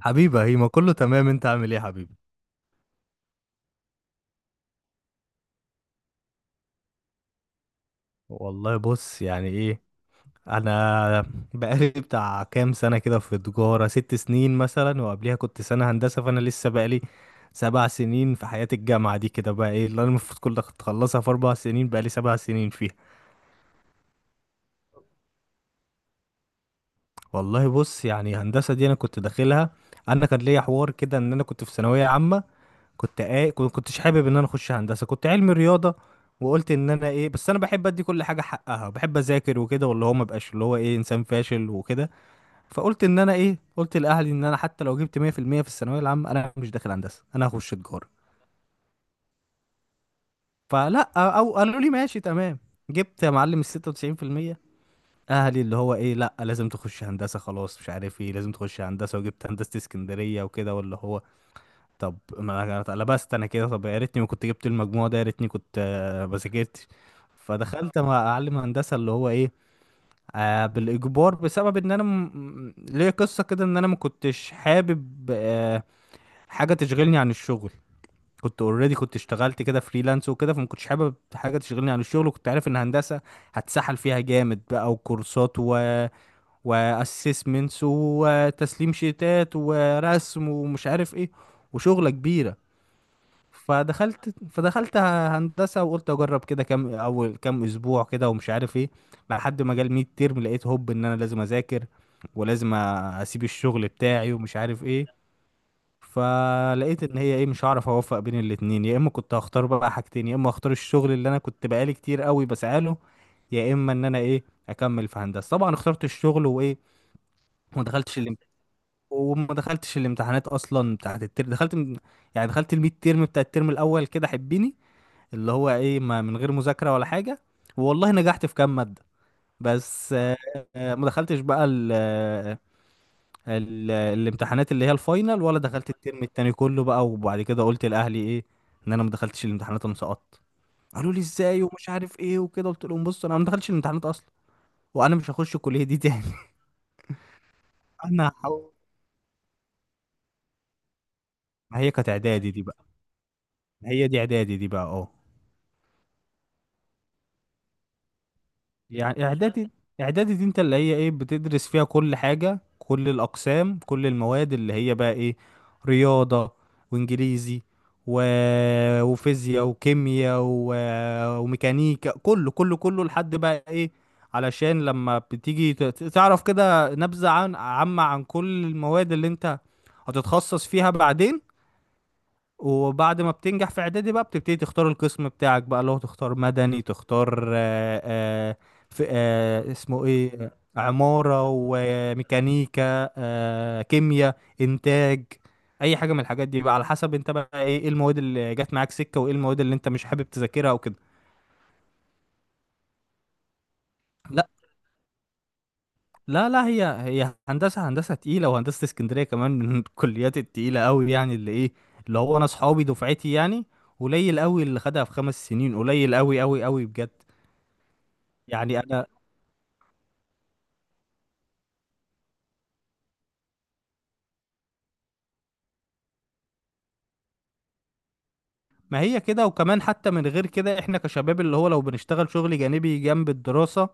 حبيبة، هي ما كله تمام. انت عامل ايه يا حبيبي؟ والله بص، يعني ايه، انا بقالي بتاع كام سنة كده في تجارة 6 سنين مثلا، وقبليها كنت سنة هندسة، فانا لسه بقالي 7 سنين في حياة الجامعة دي، كده بقى ايه اللي انا المفروض كنت اخلصها في 4 سنين بقالي 7 سنين فيها. والله بص، يعني هندسة دي انا كنت داخلها. انا كان ليا حوار كده ان انا كنت في ثانوية عامة، كنت ايه، كنتش حابب ان انا اخش هندسه، كنت علمي رياضه. وقلت ان انا ايه، بس انا بحب ادي كل حاجه حقها، بحب اذاكر وكده، واللي هو ما بقاش اللي هو ايه انسان فاشل وكده. فقلت ان انا ايه، قلت لاهلي ان انا حتى لو جبت 100% في المية في الثانويه العامه انا مش داخل هندسه، انا هخش تجاره. فلا، او قالوا لي ماشي تمام. جبت يا معلم ال 96%. اهلي اللي هو ايه، لا لازم تخش هندسه، خلاص مش عارف ايه، لازم تخش هندسه. وجبت هندسه اسكندريه وكده واللي هو، طب ما أنا اتقلبست انا كده، طب يا ريتني ما كنت جبت المجموع ده، يا ريتني كنت ما ذاكرتش. فدخلت مع اعلم هندسه اللي هو ايه، بالاجبار، بسبب ان انا م... ليا قصه كده ان انا ما كنتش حابب حاجه تشغلني عن الشغل. كنت اوريدي كنت اشتغلت كده فريلانس وكده، فما كنتش حابب حاجه تشغلني عن الشغل، وكنت عارف ان هندسه هتسحل فيها جامد بقى، وكورسات و واسسمنتس وتسليم شيتات ورسم ومش عارف ايه وشغله كبيره. فدخلت هندسة وقلت اجرب كده كام اول كام اسبوع كده ومش عارف ايه، لحد ما جال ميد ترم لقيت هوب ان انا لازم اذاكر ولازم اسيب الشغل بتاعي ومش عارف ايه. فلقيت ان هي ايه، مش هعرف اوفق بين الاتنين، يا اما كنت هختار بقى حاجتين، يا اما هختار الشغل اللي انا كنت بقالي كتير قوي بسعاله، يا اما ان انا ايه اكمل في هندسة. طبعا اخترت الشغل وايه، وما دخلتش الامت... وما دخلتش الامتحانات اصلا بتاعت الترم. دخلت، يعني دخلت الميد ترم بتاع الترم الاول كده حبيني، اللي هو ايه ما من غير مذاكرة ولا حاجة، والله نجحت في كام مادة. بس ما دخلتش بقى ال الامتحانات اللي هي الفاينل، ولا دخلت الترم التاني كله بقى. وبعد كده قلت لاهلي ايه، ان انا ما دخلتش الامتحانات، انا سقطت. قالوا لي ازاي ومش عارف ايه وكده، قلت لهم بص انا ما دخلتش الامتحانات اصلا، وانا مش هخش الكلية دي تاني. انا هحاول. ما هي كانت اعدادي دي بقى، ما هي دي اعدادي دي بقى اه. يعني اعدادي، اعدادي دي انت اللي هي ايه بتدرس فيها كل حاجة، كل الاقسام، كل المواد اللي هي بقى ايه، رياضة وانجليزي و... وفيزياء وكيمياء و... وميكانيكا، كله كله كله، لحد بقى ايه، علشان لما بتيجي تعرف كده نبذة عن عامة عن كل المواد اللي انت هتتخصص فيها بعدين. وبعد ما بتنجح في اعدادي بقى بتبتدي تختار القسم بتاعك بقى، اللي هو تختار مدني، تختار في، اسمه ايه، عمارة وميكانيكا كيمياء انتاج، اي حاجة من الحاجات دي بقى على حسب انت بقى إيه المواد اللي جت معاك سكة، وايه المواد اللي انت مش حابب تذاكرها وكده. لا لا لا، هي هندسة، هندسة تقيلة، وهندسة اسكندرية كمان من الكليات التقيلة قوي، يعني اللي ايه، اللي هو انا صحابي دفعتي، يعني قليل قوي اللي خدها في 5 سنين، قليل قوي قوي قوي بجد. يعني انا، ما هي كده، وكمان حتى من غير كده احنا كشباب اللي هو لو بنشتغل شغل جانبي جنب الدراسة،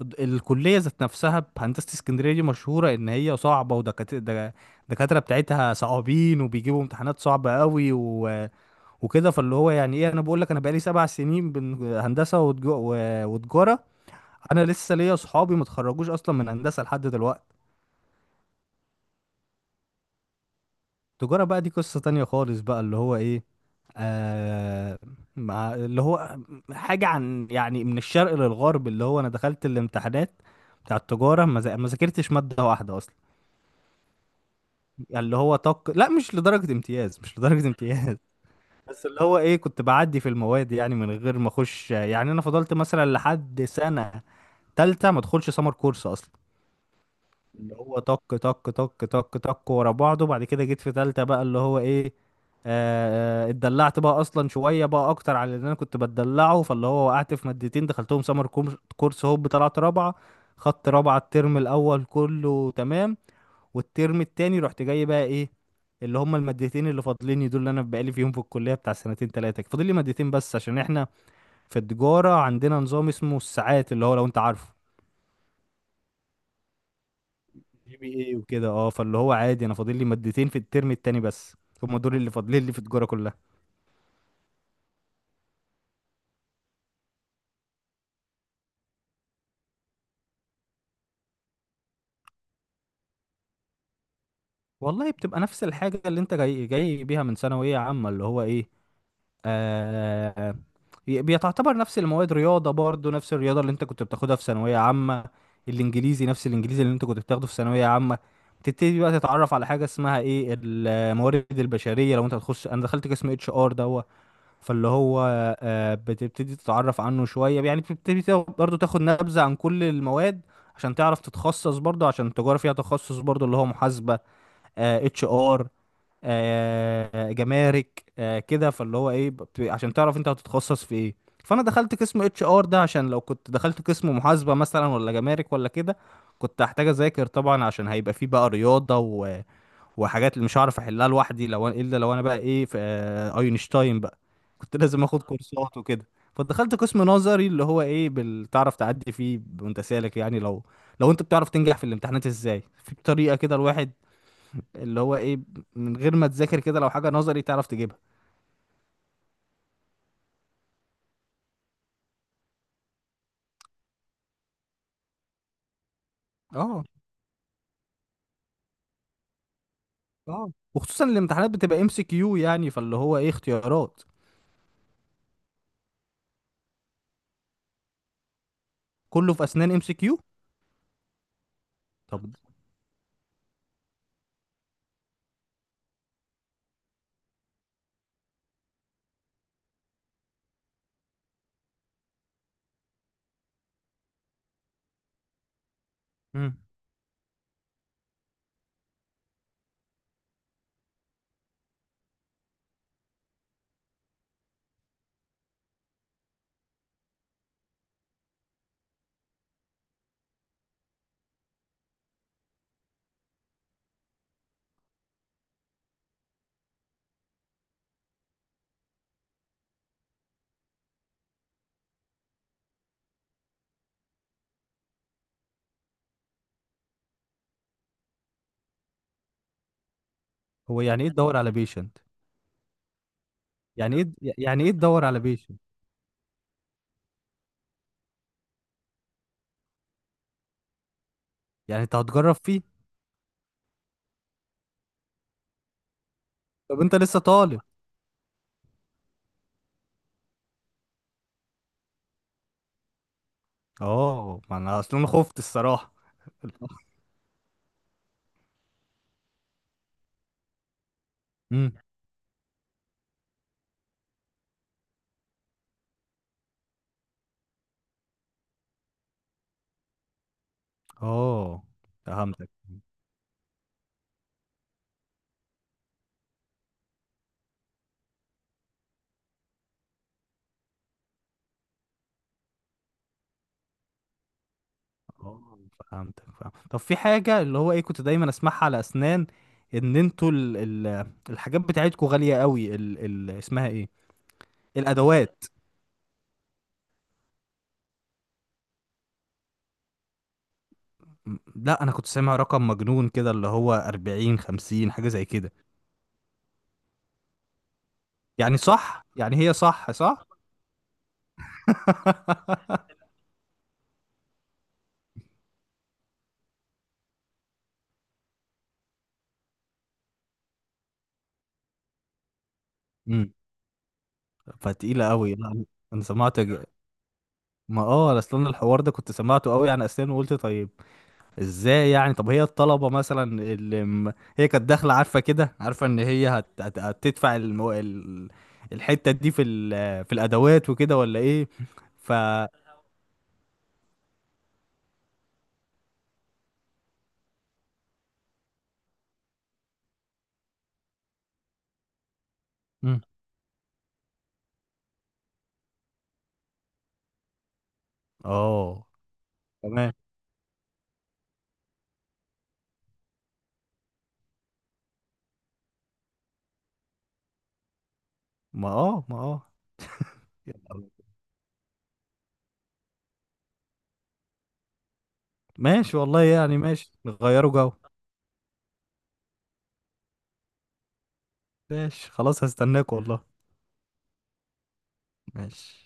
الكلية ذات نفسها بهندسة اسكندرية دي مشهورة ان هي صعبة، ودكاترة، الدكاترة بتاعتها صعبين وبيجيبوا امتحانات صعبة قوي وكده. فاللي هو يعني ايه، انا بقول لك انا بقالي 7 سنين هندسه وتجاره. انا لسه ليا صحابي ما اتخرجوش اصلا من هندسه لحد دلوقتي. تجاره بقى دي قصه تانية خالص بقى، اللي هو ايه، آه مع اللي هو، حاجه عن يعني من الشرق للغرب، اللي هو انا دخلت الامتحانات بتاع التجاره، ما ذاكرتش ماده واحده اصلا، يعني اللي هو طق، لا مش لدرجه امتياز، مش لدرجه امتياز. بس اللي هو ايه كنت بعدي في المواد، يعني من غير ما اخش يعني، انا فضلت مثلا لحد سنه تالتة ما تدخلش سمر كورس اصلا، اللي هو طق طق طق طق طق ورا بعضه. بعد كده جيت في تالتة بقى اللي هو ايه، اتدلعت بقى اصلا شوية بقى اكتر على اللي انا كنت بتدلعه، فاللي هو وقعت في مادتين دخلتهم سمر كورس هوب طلعت رابعة. خدت رابعة الترم الاول كله تمام، والترم التاني رحت جاي بقى ايه، اللي هما المادتين اللي فاضليني دول اللي انا بقالي فيهم في الكلية بتاع سنتين تلاتة، فاضل لي مادتين بس عشان احنا في التجارة عندنا نظام اسمه الساعات اللي هو لو انت عارفه، GPA وكده. اه، فاللي هو عادي انا فاضل لي مادتين في الترم التاني بس، هم دول اللي فاضلين لي في التجاره كلها. والله بتبقى نفس الحاجه اللي انت جاي جاي بيها من ثانويه عامه، اللي هو ايه، آه بيتعتبر نفس المواد، رياضه برضو نفس الرياضه اللي انت كنت بتاخدها في ثانويه عامه، الانجليزي نفس الانجليزي اللي انت كنت بتاخده في ثانويه عامه. بتبتدي بقى تتعرف على حاجه اسمها ايه الموارد البشريه، لو انت هتخش، انا دخلت قسم HR ده، فاللي هو بتبتدي تتعرف عنه شوية، يعني بتبتدي برضه تاخد نبذة عن كل المواد عشان تعرف تتخصص برضه، عشان التجارة فيها تخصص برضه اللي هو محاسبة، HR، جمارك، كده. فاللي هو ايه عشان تعرف انت هتتخصص في ايه. فانا دخلت قسم HR ده، عشان لو كنت دخلت قسم محاسبة مثلا ولا جمارك ولا كده كنت هحتاج اذاكر طبعا، عشان هيبقى فيه بقى رياضة وحاجات اللي مش هعرف احلها لوحدي، لو الا لو انا بقى ايه في اينشتاين بقى، كنت لازم اخد كورسات وكده. فدخلت قسم نظري اللي هو ايه تعرف تعدي فيه وانت سالك، يعني لو لو انت بتعرف تنجح في الامتحانات ازاي، في طريقة كده الواحد اللي هو ايه من غير ما تذاكر كده، لو حاجة نظري تعرف تجيبها. اه اه، وخصوصا الامتحانات بتبقى MCQ، يعني فاللي هو ايه اختيارات، كله في اسنان MCQ. طب، مم. هو يعني ايه تدور على بيشنت؟ يعني ايه يعني ايه تدور على بيشنت؟ يعني انت هتجرب فيه؟ طب انت لسه طالب. اه، ما انا اصلا خفت الصراحه. امم. اه فهمتك. اه فهمتك، طب في حاجه اللي هو ايه كنت دايما اسمعها على اسنان، ان انتوا ال الحاجات بتاعتكوا غاليه قوي، ال اسمها ايه، الادوات. لا انا كنت سامع رقم مجنون كده اللي هو 40 50 حاجه زي كده، يعني صح، يعني هي صح صح. امم. فتقيله قوي، لا انا سمعت، ما اصلا الحوار ده كنت سمعته قوي عن اسنان، وقلت طيب ازاي يعني؟ طب هي الطلبة مثلا اللي هي كانت داخلة عارفة كده، عارفة ان هي هتدفع المو... ال... الحتة دي في في الادوات وكده ولا ايه؟ ف مم. اه تمام. ما يلا. ماشي والله، يعني ماشي نغيروا جو. ماشي خلاص هستناك والله. ماشي